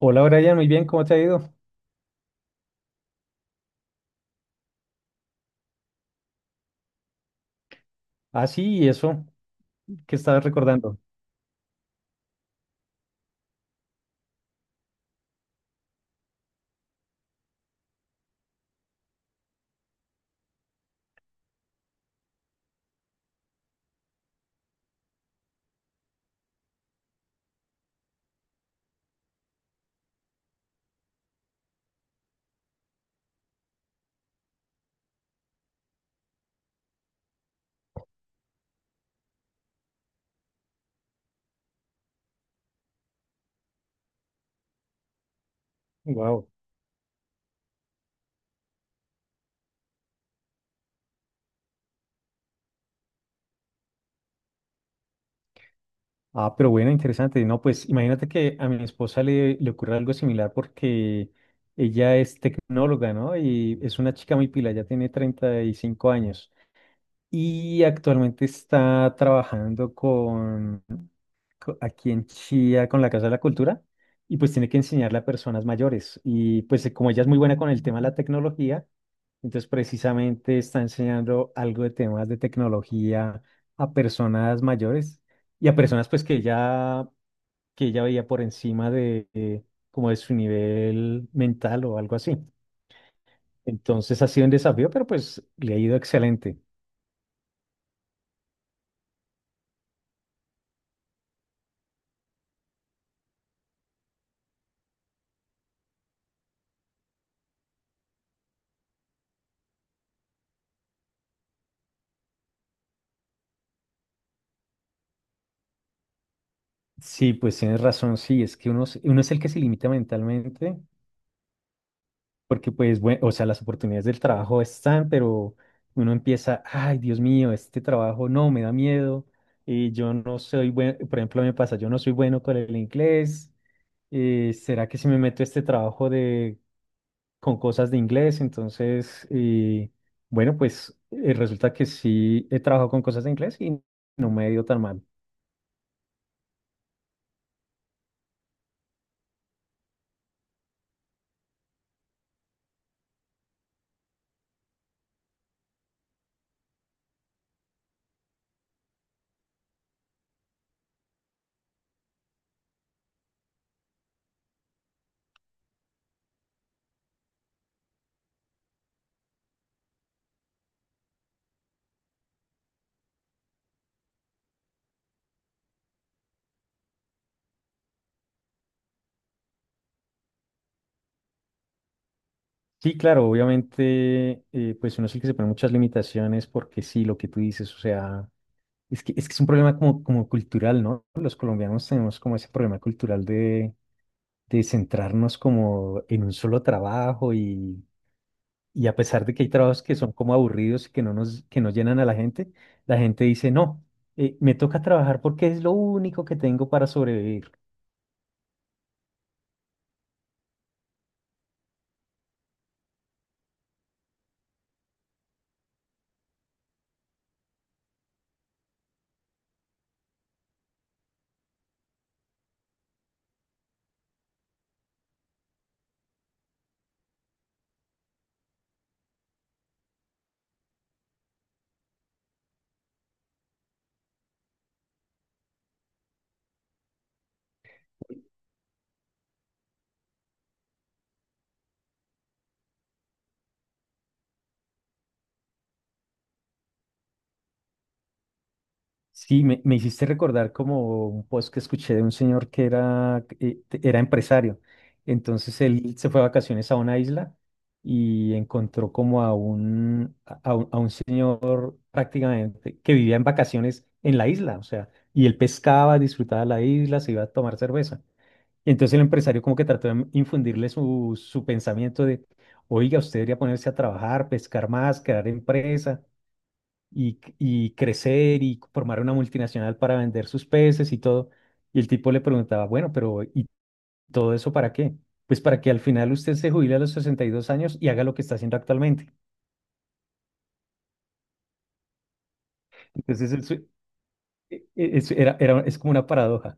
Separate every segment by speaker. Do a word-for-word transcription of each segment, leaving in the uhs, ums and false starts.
Speaker 1: Hola Brian, muy bien, ¿cómo te ha ido? Ah, sí, ¿y eso que estabas recordando? Wow. Ah, pero bueno, interesante. No, pues imagínate que a mi esposa le, le ocurre algo similar porque ella es tecnóloga, ¿no? Y es una chica muy pila, ya tiene treinta y cinco años y actualmente está trabajando con, co- aquí en Chía con la Casa de la Cultura y pues tiene que enseñarle a personas mayores. Y pues como ella es muy buena con el tema de la tecnología. Entonces, precisamente está enseñando algo de temas de tecnología a personas mayores y a personas pues que ya que ella veía por encima de eh, como de su nivel mental o algo así. Entonces ha sido un desafío, pero pues le ha ido excelente. Sí, pues tienes razón, sí, es que uno, es- uno es el que se limita mentalmente. Porque pues, bueno, o sea, las oportunidades del trabajo están, pero uno empieza, ay, Dios mío, este trabajo no, me da miedo, eh, yo no soy bueno, por ejemplo, me pasa, yo no soy bueno con el inglés, eh, ¿será que si me meto a este trabajo de, con cosas de inglés? Entonces, eh, bueno, pues eh, resulta que sí he trabajado con cosas de inglés y no me ha ido tan mal. Sí, claro, obviamente, eh, pues uno es el que se pone muchas limitaciones porque sí, lo que tú dices, o sea. Es que, es que es un problema como, como cultural, ¿no? Los colombianos tenemos como ese problema cultural de, de centrarnos como en un solo trabajo y, y a pesar de que hay trabajos que son como aburridos y que no nos, que no llenan a la gente, la gente dice, no, eh, me toca trabajar porque es lo único que tengo para sobrevivir. Sí, me, me hiciste recordar como un post que escuché de un señor que era, eh, te- era empresario. Entonces él se fue a vacaciones a una isla y encontró como a un, a a un, a un señor prácticamente que vivía en vacaciones en la isla. O sea, y él pescaba, disfrutaba la isla, se iba a tomar cerveza. Entonces el empresario como que trató de infundirle su, su pensamiento de, oiga, usted debería ponerse a trabajar, pescar más, crear empresa y, y crecer y formar una multinacional para vender sus peces y todo. Y el tipo le preguntaba, bueno, pero ¿y todo eso para qué? Pues para que al final usted se jubile a los sesenta y dos años y haga lo que está haciendo actualmente. Entonces, el su- e- e- es, era, era- es como una paradoja.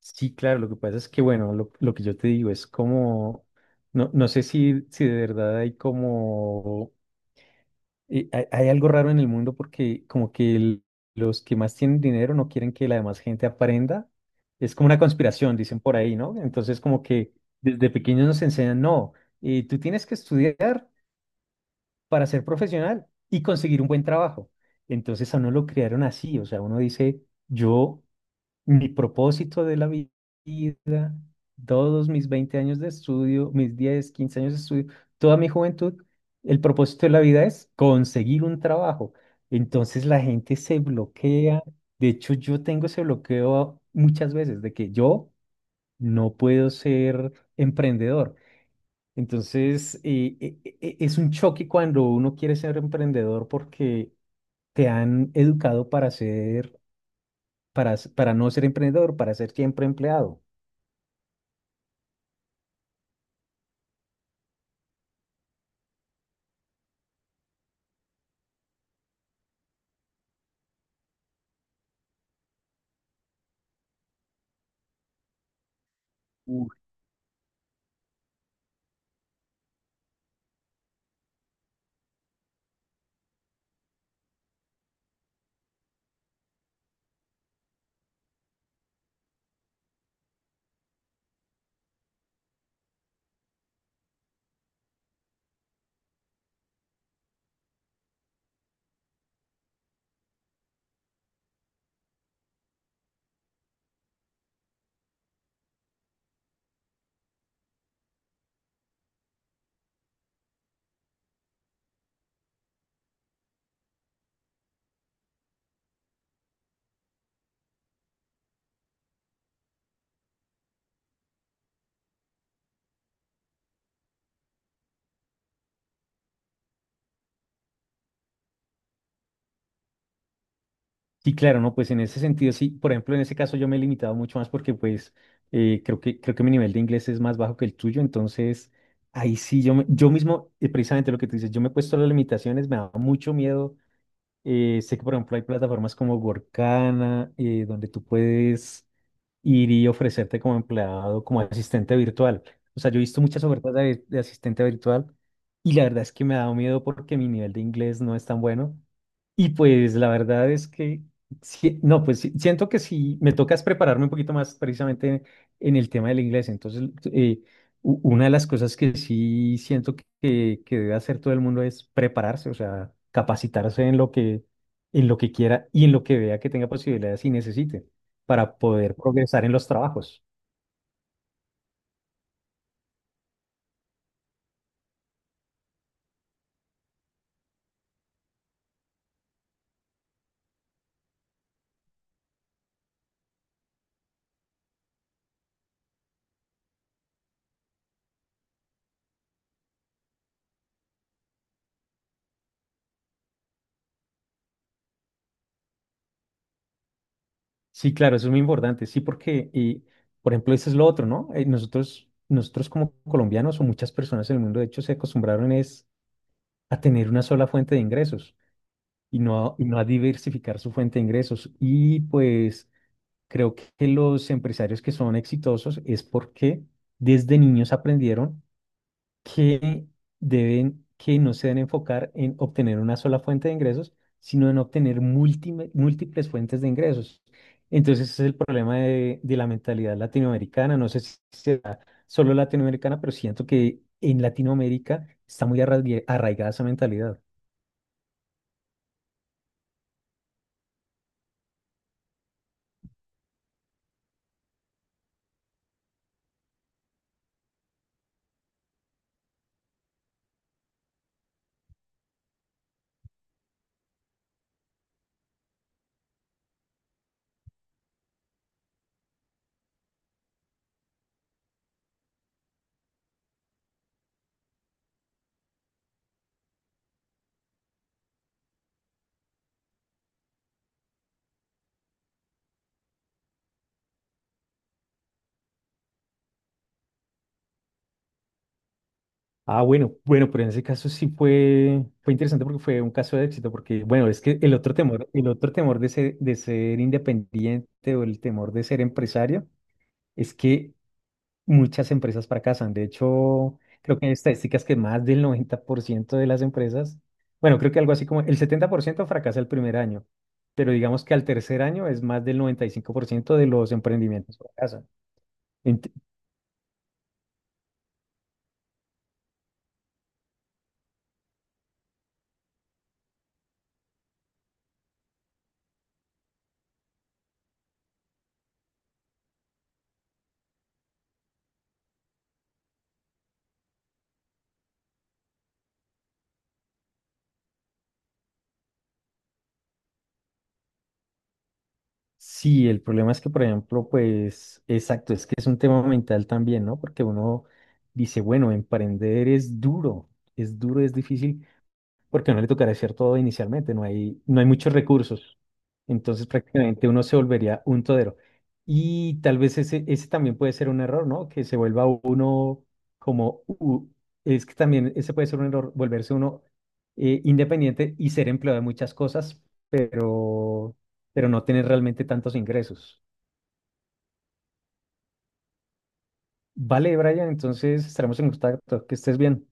Speaker 1: Sí, claro, lo que pasa es que, bueno, lo, lo que yo te digo es como, no, no sé si, si de verdad hay como, eh, hay, hay algo raro en el mundo porque como que el- los que más tienen dinero no quieren que la demás gente aprenda. Es como una conspiración, dicen por ahí, ¿no? Entonces como que desde pequeños nos enseñan, no, eh, tú tienes que estudiar para ser profesional y conseguir un buen trabajo. Entonces a uno lo criaron así, o sea, uno dice, yo mi propósito de la vida, todos mis veinte años de estudio, mis diez quince años de estudio, toda mi juventud, el propósito de la vida es conseguir un trabajo. Entonces la gente se bloquea. De hecho, yo tengo ese bloqueo muchas veces de que yo no puedo ser emprendedor. Entonces, eh, e- e- e- es un choque cuando uno quiere ser emprendedor porque te han educado para ser, para, s- para no ser emprendedor, para ser siempre empleado. Uf. Sí, claro, no, pues en ese sentido sí, por ejemplo, en ese caso yo me he limitado mucho más porque pues eh, creo que, creo que mi nivel de inglés es más bajo que el tuyo, entonces ahí sí, yo, me- yo mismo, eh, precisamente lo que tú dices, yo me he puesto las limitaciones, me da mucho miedo, eh, sé que por ejemplo hay plataformas como Workana, eh, donde tú puedes ir y ofrecerte como empleado, como asistente virtual, o sea, yo he visto muchas ofertas de de asistente virtual y la verdad es que me ha dado miedo porque mi nivel de inglés no es tan bueno. Y pues la verdad es que, sí- no, pues sí, siento que si me toca es prepararme un poquito más precisamente en, en el tema del inglés. Entonces, eh, u- una de las cosas que sí siento que, que debe hacer todo el mundo es prepararse, o sea, capacitarse en lo que, en lo que, quiera y en lo que vea que tenga posibilidades y necesite para poder progresar en los trabajos. Sí, claro, eso es muy importante. Sí, porque, eh, por ejemplo, eso es lo otro, ¿no? Eh, nosotros, nosotros como colombianos o muchas personas en el mundo, de hecho, se acostumbraron es a tener una sola fuente de ingresos y no a, y no a diversificar su fuente de ingresos. Y pues creo que los empresarios que son exitosos es porque desde niños aprendieron que deben, que no se deben enfocar en obtener una sola fuente de ingresos, sino en obtener múltime- múltiples fuentes de ingresos. Entonces ese es el problema de, de la mentalidad latinoamericana. No sé si será solo latinoamericana, pero siento que en Latinoamérica está muy arraigue- arraigada esa mentalidad. Ah, bueno, bueno, pero en ese caso sí fue, fue interesante porque fue un caso de éxito, porque bueno, es que el otro temor, el otro temor de ser, de ser independiente o el temor de ser empresario es que muchas empresas fracasan. De hecho, creo que hay estadísticas que más del noventa por ciento de las empresas, bueno, creo que algo así como el setenta por ciento fracasa el primer año, pero digamos que al tercer año es más del noventa y cinco por ciento de los emprendimientos fracasan. Sí, el problema es que, por ejemplo, pues, exacto, es que es un tema mental también, ¿no? Porque uno dice, bueno, emprender es duro, es duro, es difícil, porque no le tocará hacer todo inicialmente, no hay, no hay muchos recursos. Entonces prácticamente uno se volvería un todero. Y tal vez ese, ese también puede ser un error, ¿no? Que se vuelva uno como... u- es que también ese puede ser un error, volverse uno eh, independiente y ser empleado de muchas cosas, pero, pero no tener realmente tantos ingresos. Vale, Brian, entonces estaremos en contacto. Que estés bien.